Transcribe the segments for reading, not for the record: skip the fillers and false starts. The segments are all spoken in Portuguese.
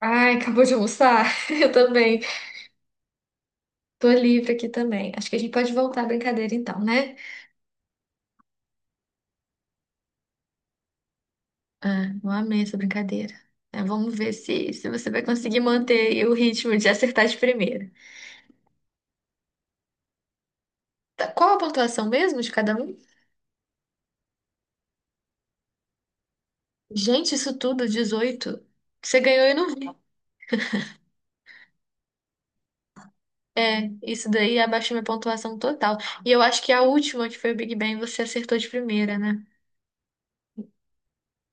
Ai, acabou de almoçar? Eu também. Tô livre aqui também. Acho que a gente pode voltar à brincadeira então, né? Ah, eu amei essa brincadeira. É, vamos ver se você vai conseguir manter o ritmo de acertar de primeira. Tá, qual a pontuação mesmo de cada um? Gente, isso tudo, 18. Você ganhou e eu não vi. É, isso daí abaixou minha pontuação total. E eu acho que a última, que foi o Big Bang, você acertou de primeira, né?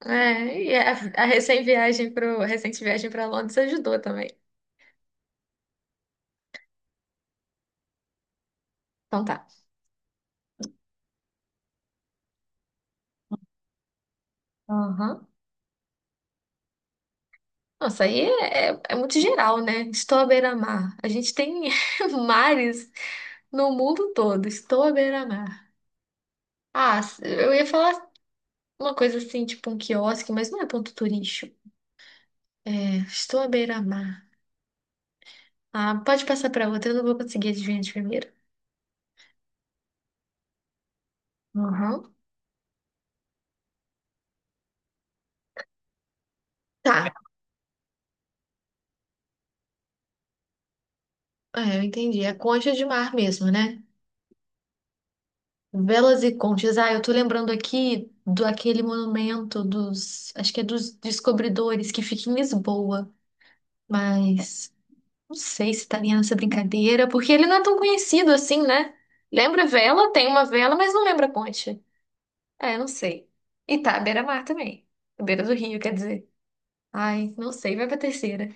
É, e a recém viagem pro, a recente viagem para Londres ajudou também. Então tá. Aham. Nossa, aí é muito geral, né? Estou à beira-mar. A gente tem mares no mundo todo. Estou à beira-mar. Ah, eu ia falar uma coisa assim, tipo um quiosque, mas não é ponto turístico. É, estou à beira-mar. Ah, pode passar para outra, eu não vou conseguir adivinhar de primeira. Uhum. Tá, é, eu entendi. É concha de mar mesmo, né? Velas e conchas. Ah, eu tô lembrando aqui do aquele monumento dos, acho que é dos descobridores que fica em Lisboa, mas. Não sei se estaria nessa brincadeira, porque ele não é tão conhecido assim, né? Lembra vela, tem uma vela, mas não lembra ponte. É, não sei. E tá, à beira-mar também. À beira do rio, quer dizer. Ai, não sei, vai pra terceira.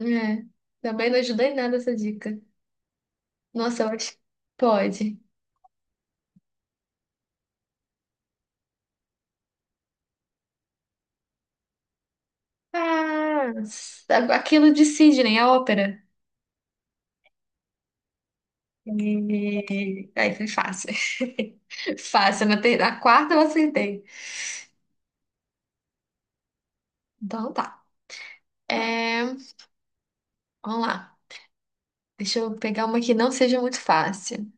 É, também não ajudei em nada essa dica. Nossa, eu acho que pode. Ah, aquilo de Sidney, a ópera. E... aí foi fácil. Fácil, na quarta eu acertei. Então tá. É, vamos lá. Deixa eu pegar uma que não seja muito fácil.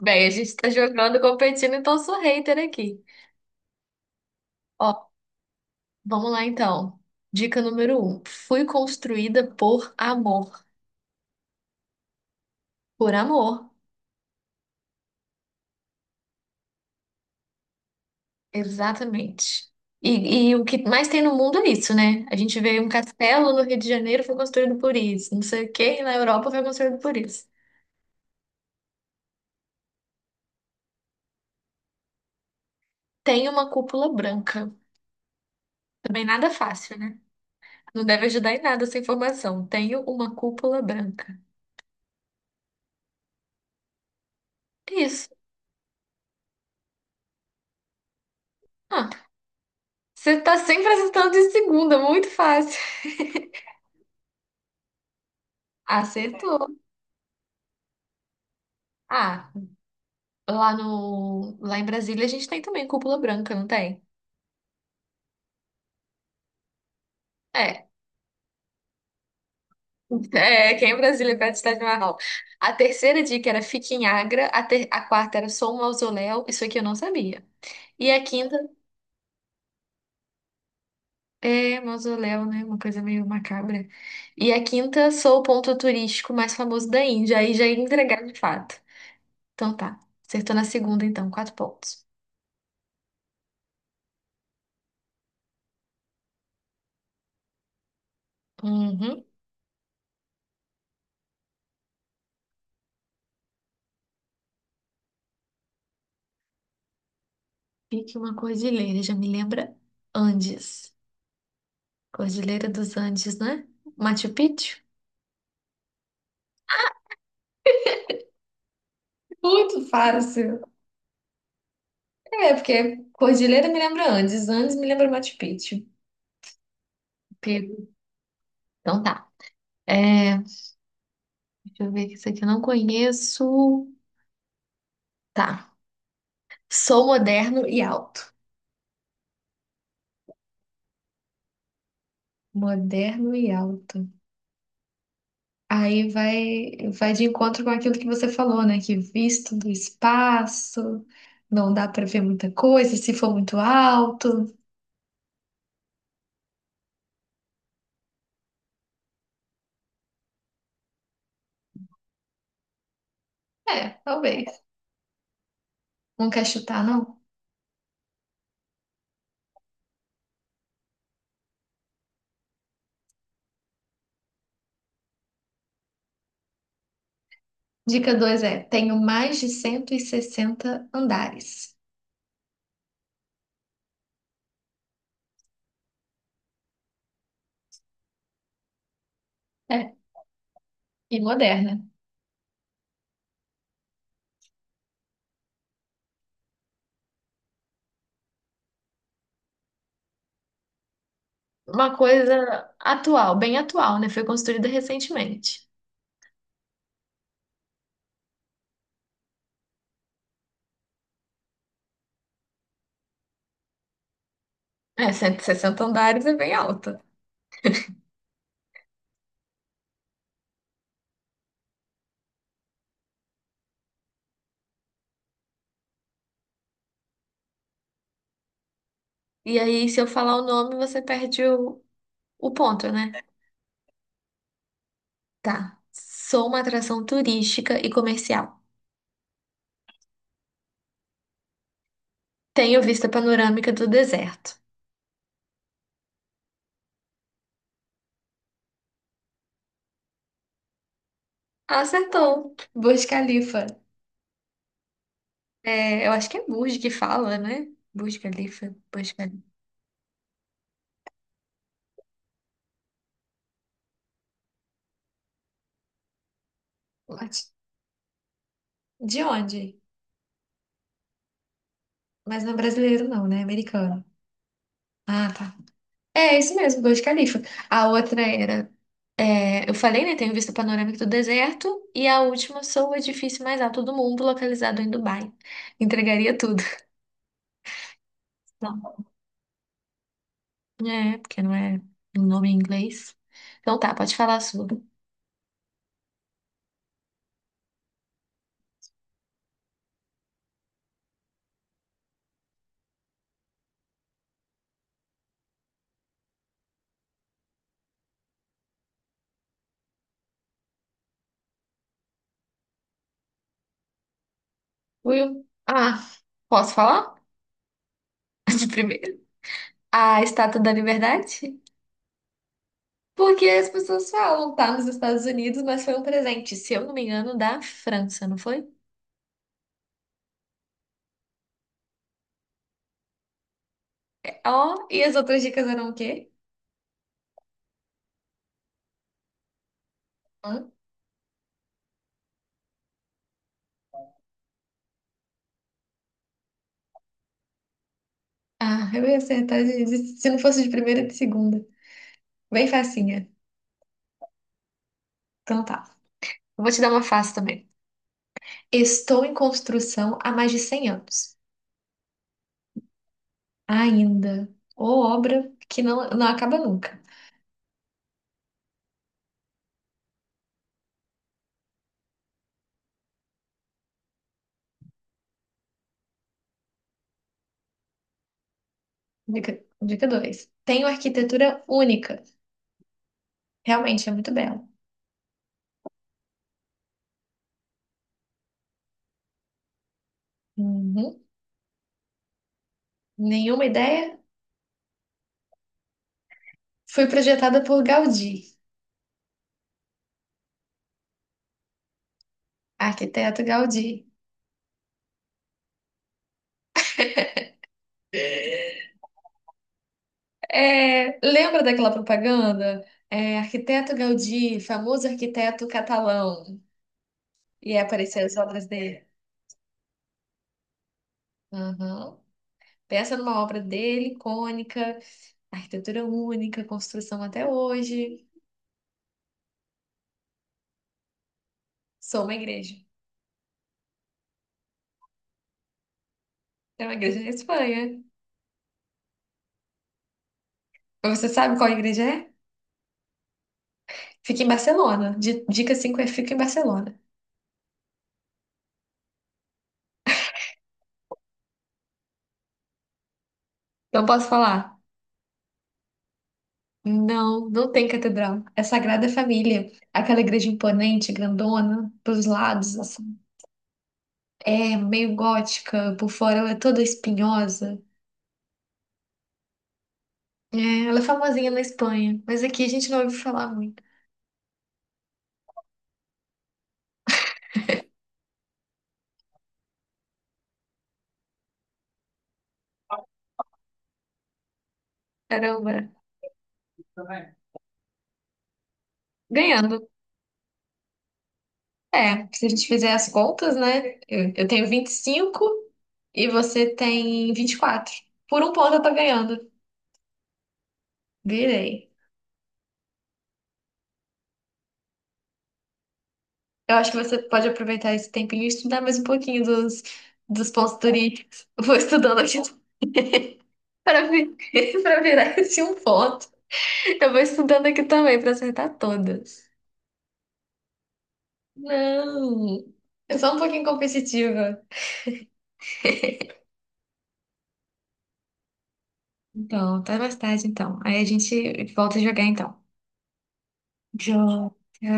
Bem, a gente tá jogando, competindo, então sou hater aqui. Ó, vamos lá então. Dica número um. Fui construída por amor. Por amor, exatamente. E o que mais tem no mundo é isso, né? A gente vê um castelo no Rio de Janeiro foi construído por isso. Não sei o quê, na Europa foi construído por isso. Tenho uma cúpula branca. Também nada fácil, né? Não deve ajudar em nada essa informação. Tenho uma cúpula branca. Isso. Ah, você tá sempre acertando de segunda, muito fácil. Acertou. Ah, lá no, lá em Brasília a gente tem também cúpula branca, não tem? É. É, quem em Brasília é perto do Estádio Marrom. A terceira dica era fique em Agra, a quarta era sou um mausoléu, isso aqui eu não sabia. E a quinta é mausoléu, né? Uma coisa meio macabra. E a quinta sou o ponto turístico mais famoso da Índia, aí já ia entregar de fato. Então tá, acertou na segunda então, quatro pontos. Uhum. Fique uma cordilheira, já me lembra Andes. Cordilheira dos Andes, né? Machu Picchu? Muito fácil. É, porque Cordilheira me lembra Andes, Andes me lembra Machu Picchu. Pego. Então tá. É, deixa eu ver que isso aqui eu não conheço. Tá. Sou moderno e alto. Moderno e alto. Aí vai de encontro com aquilo que você falou, né? Que visto do espaço, não dá pra ver muita coisa se for muito alto. É, talvez. Não quer chutar, não? Dica 2 é: tenho mais de 160 andares. É, e moderna. Uma coisa atual, bem atual, né? Foi construída recentemente. É, 160 andares é bem alta. E aí, se eu falar o nome, você perde o ponto, né? Tá. Sou uma atração turística e comercial. Tenho vista panorâmica do deserto. Acertou. Burj Khalifa. É, eu acho que é Burj que fala, né? Burj Khalifa. De onde? Mas não é brasileiro, não, né? É americano. Ah, tá. É, é isso mesmo, Burj Khalifa. A outra era. É, eu falei, né? Tenho vista panorâmica do deserto. E a última sou o edifício mais alto do mundo, localizado em Dubai. Entregaria tudo. Não. É, porque não é um nome em inglês. Então tá, pode falar a sua. Will? Ah, posso falar? De primeiro. A Estátua da Liberdade? Porque as pessoas falam, tá nos Estados Unidos, mas foi um presente, se eu não me engano, da França, não foi? Ó, e as outras dicas eram o quê? Hum? Ah, eu ia acertar se não fosse de primeira, de segunda. Bem facinha. Então tá. Eu vou te dar uma fácil também. Estou em construção há mais de 100 anos. Ainda. Ou obra que não acaba nunca. Dica, dica 2. Tenho arquitetura única. Realmente, é muito bela. Uhum. Nenhuma ideia? Fui projetada por Gaudí. Arquiteto Gaudí. É, lembra daquela propaganda? É, arquiteto Gaudí, famoso arquiteto catalão. E aí apareciam as obras dele. Aham. Pensa numa obra dele, icônica, arquitetura única, construção até hoje. Sou uma igreja. É uma igreja na Espanha. Mas você sabe qual igreja é? Fica em Barcelona. Dica 5 é fica em Barcelona. Não posso falar. Não, não tem catedral. É Sagrada Família. Aquela igreja imponente, grandona, pros lados, assim. É meio gótica, por fora ela é toda espinhosa. É, ela é famosinha na Espanha, mas aqui a gente não ouviu falar muito. Caramba, ganhando. É, se a gente fizer as contas, né? Eu tenho 25 e você tem 24. Por um ponto eu tô ganhando. Virei. Eu acho que você pode aproveitar esse tempinho e estudar mais um pouquinho dos pontos turísticos. Eu vou estudando aqui para vi- para virar esse um ponto. Eu vou estudando aqui também para acertar todas. Não, eu sou um pouquinho competitiva. Então, até mais tarde, então. Aí a gente volta a jogar, então. Joga.